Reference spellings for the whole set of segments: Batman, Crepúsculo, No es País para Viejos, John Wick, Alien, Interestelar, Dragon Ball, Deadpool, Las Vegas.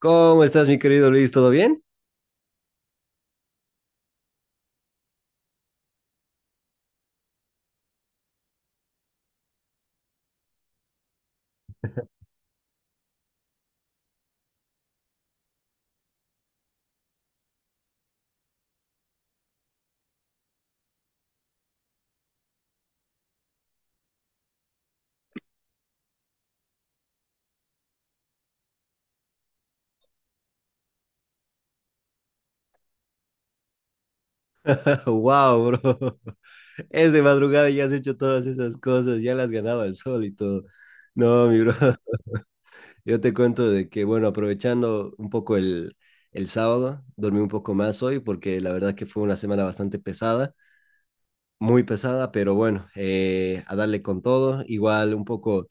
¿Cómo estás, mi querido Luis? ¿Todo bien? Wow, bro. Es de madrugada y ya has hecho todas esas cosas, ya las has ganado al sol y todo. No, mi bro. Yo te cuento de que, bueno, aprovechando un poco el sábado, dormí un poco más hoy porque la verdad que fue una semana bastante pesada. Muy pesada, pero bueno, a darle con todo, igual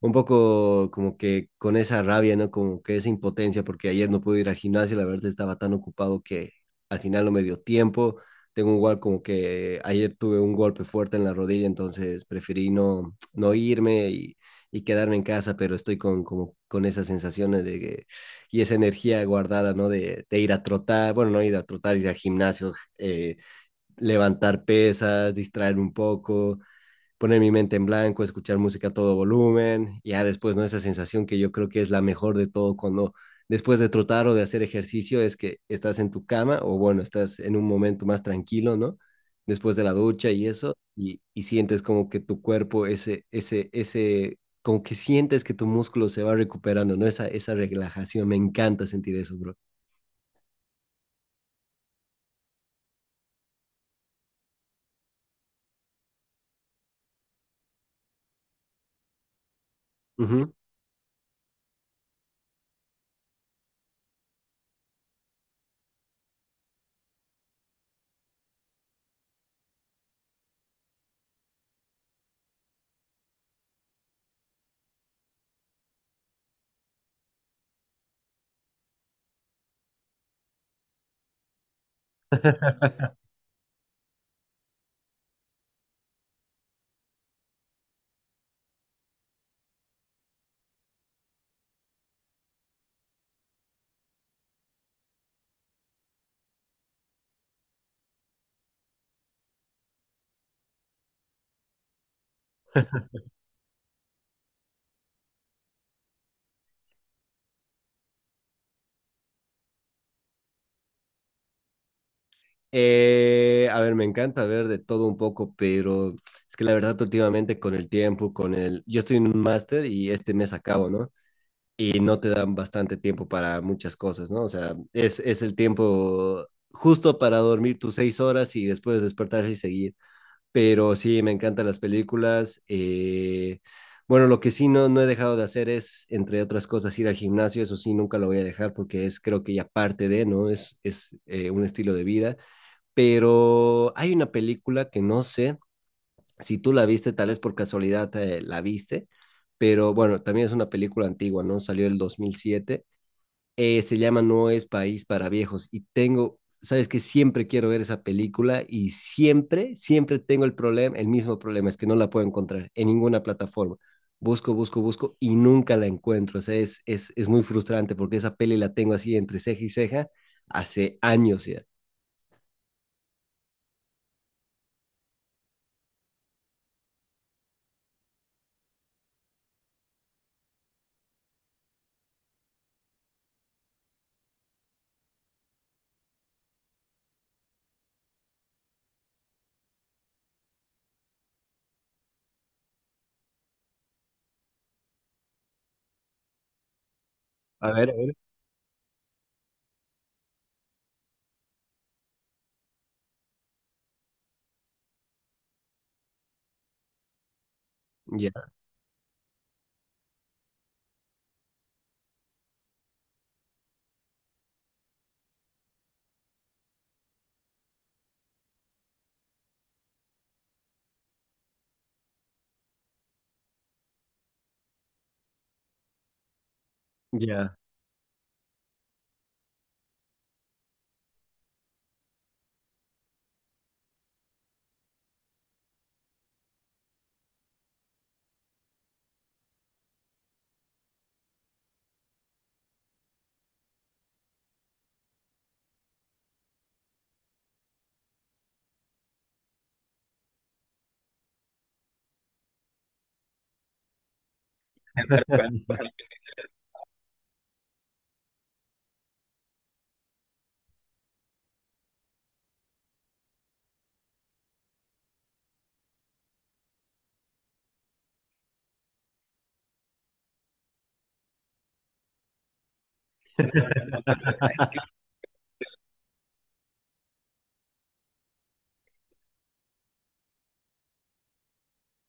un poco como que con esa rabia, ¿no? Como que esa impotencia, porque ayer no pude ir al gimnasio, la verdad estaba tan ocupado que al final no me dio tiempo. Tengo igual como que ayer tuve un golpe fuerte en la rodilla, entonces preferí no, no irme y quedarme en casa, pero estoy con, como, con esas sensaciones de que, y esa energía guardada, ¿no? De ir a trotar, bueno, no ir a trotar, ir al gimnasio, eh, levantar pesas, distraer un poco, poner mi mente en blanco, escuchar música a todo volumen, y ya después, ¿no? Esa sensación que yo creo que es la mejor de todo cuando después de trotar o de hacer ejercicio es que estás en tu cama o bueno, estás en un momento más tranquilo, ¿no? Después de la ducha y eso, y sientes como que tu cuerpo, como que sientes que tu músculo se va recuperando, ¿no? Esa relajación, me encanta sentir eso, bro. Uh -huh. A ver, me encanta ver de todo un poco, pero es que la verdad últimamente con el tiempo, con el... Yo estoy en un máster y este mes acabo, ¿no? Y no te dan bastante tiempo para muchas cosas, ¿no? O sea, es el tiempo justo para dormir tus seis horas y después despertarse y seguir. Pero sí, me encantan las películas. Bueno, lo que sí no, no he dejado de hacer es, entre otras cosas, ir al gimnasio. Eso sí, nunca lo voy a dejar porque es, creo que ya parte de, ¿no? Es un estilo de vida, pero hay una película que no sé si tú la viste, tal vez por casualidad la viste, pero bueno, también es una película antigua, ¿no? Salió el 2007, se llama No es País para Viejos y tengo, sabes que siempre quiero ver esa película y siempre, siempre tengo el problema, el mismo problema, es que no la puedo encontrar en ninguna plataforma. Busco, busco, busco y nunca la encuentro. O sea, es muy frustrante porque esa peli la tengo así entre ceja y ceja hace años ya. A ver, a ver. Ya, ya.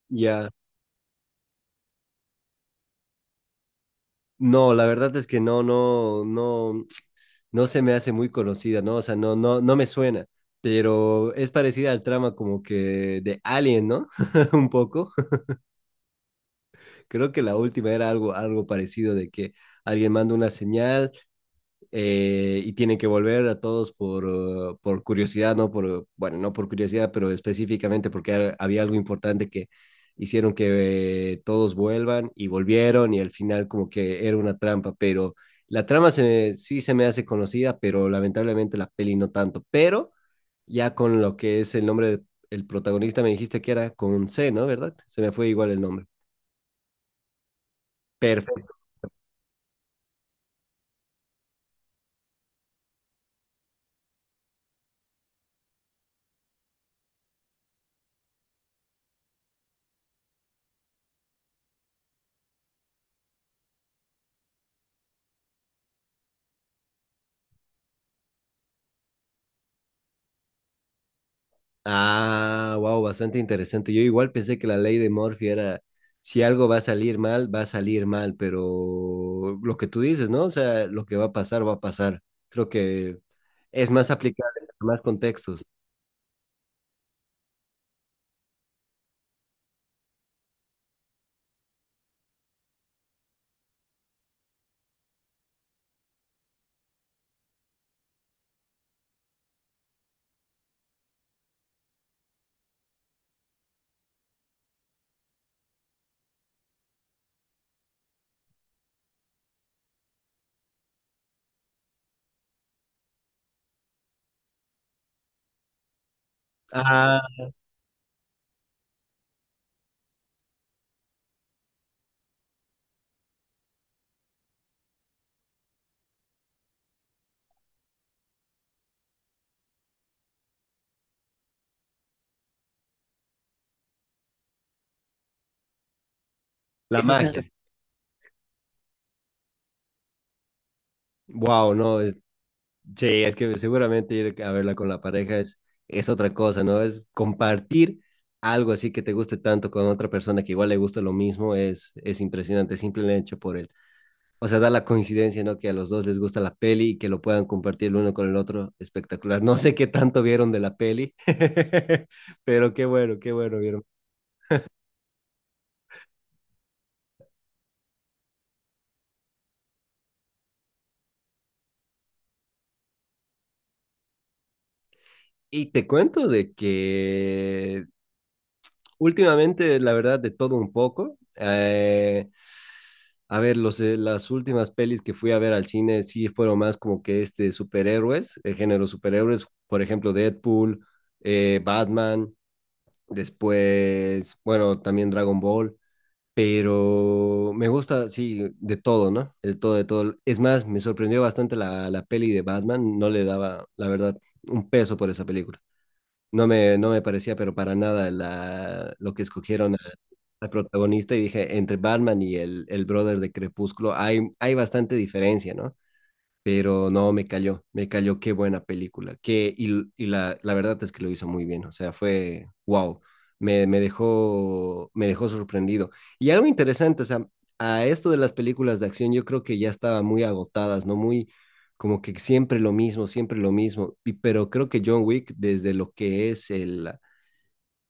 Ya, no, la verdad es que no, no, no, no se me hace muy conocida, ¿no? O sea, no, no, no me suena, pero es parecida al trama como que de Alien, ¿no? Un poco. Creo que la última era algo, algo parecido de que alguien manda una señal y tienen que volver a todos por curiosidad, no por, bueno, no por curiosidad, pero específicamente porque había algo importante que hicieron que todos vuelvan y volvieron y al final como que era una trampa, pero la trama sí se me hace conocida, pero lamentablemente la peli no tanto, pero ya con lo que es el nombre del protagonista me dijiste que era con C, ¿no? ¿Verdad? Se me fue igual el nombre. Perfecto. Ah, wow, bastante interesante. Yo igual pensé que la ley de Murphy era, si algo va a salir mal, va a salir mal, pero lo que tú dices, ¿no? O sea, lo que va a pasar, va a pasar. Creo que es más aplicable en más contextos. Ah, la magia. Wow, no, sí, es que seguramente ir a verla con la pareja es otra cosa, ¿no? Es compartir algo así que te guste tanto con otra persona que igual le gusta lo mismo, es impresionante, simple hecho por él. O sea, da la coincidencia, ¿no? Que a los dos les gusta la peli y que lo puedan compartir el uno con el otro. Espectacular. No sé qué tanto vieron de la peli, pero qué bueno vieron. Y te cuento de que últimamente, la verdad, de todo un poco. A ver, las últimas pelis que fui a ver al cine sí fueron más como que este superhéroes, el género superhéroes, por ejemplo, Deadpool, Batman, después, bueno, también Dragon Ball. Pero me gusta, sí, de todo, ¿no? De todo, de todo. Es más, me sorprendió bastante la peli de Batman. No le daba, la verdad, un peso por esa película. No me, no me parecía, pero para nada, lo que escogieron al protagonista. Y dije, entre Batman y el brother de Crepúsculo hay, hay bastante diferencia, ¿no? Pero no, me cayó, qué buena película. Que, y la verdad es que lo hizo muy bien, o sea, fue wow, me, me dejó sorprendido. Y algo interesante, o sea, a esto de las películas de acción yo creo que ya estaban muy agotadas, ¿no? Muy como que siempre lo mismo, siempre lo mismo. Y, pero creo que John Wick, desde lo que es el,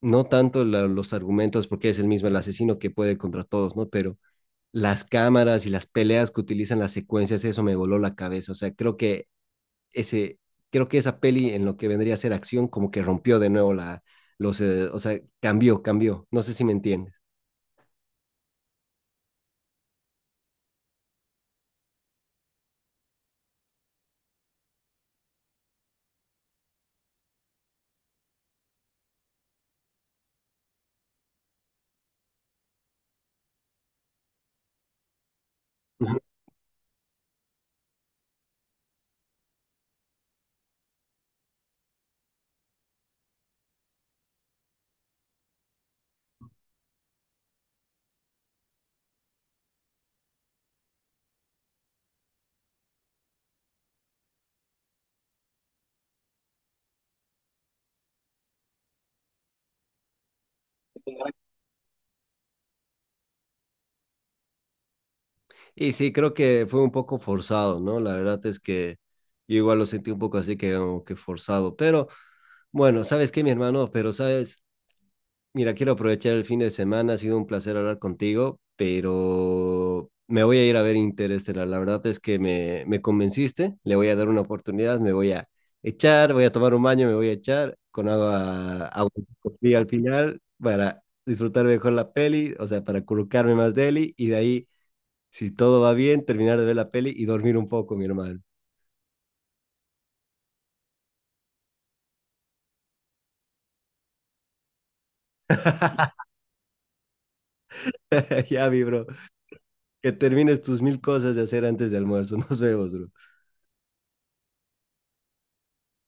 no tanto los argumentos, porque es el mismo el asesino que puede contra todos, ¿no? Pero las cámaras y las peleas que utilizan las secuencias, eso me voló la cabeza. O sea, creo que ese, creo que esa peli en lo que vendría a ser acción como que rompió de nuevo la, o sea, cambió, cambió, no sé si me entiendes. Ujú. Y sí, creo que fue un poco forzado, ¿no? La verdad es que yo igual lo sentí un poco así que, como que forzado, pero bueno, ¿sabes qué, mi hermano? Pero sabes, mira, quiero aprovechar el fin de semana, ha sido un placer hablar contigo, pero me voy a ir a ver Interestelar. La verdad es que me convenciste, le voy a dar una oportunidad, me voy a echar, voy a tomar un baño, me voy a echar con agua, con fría al final para disfrutar mejor la peli, o sea, para colocarme más deli y de ahí, si todo va bien, terminar de ver la peli y dormir un poco, mi hermano. Ya, mi bro, que termines tus mil cosas de hacer antes de almuerzo. Nos vemos, bro.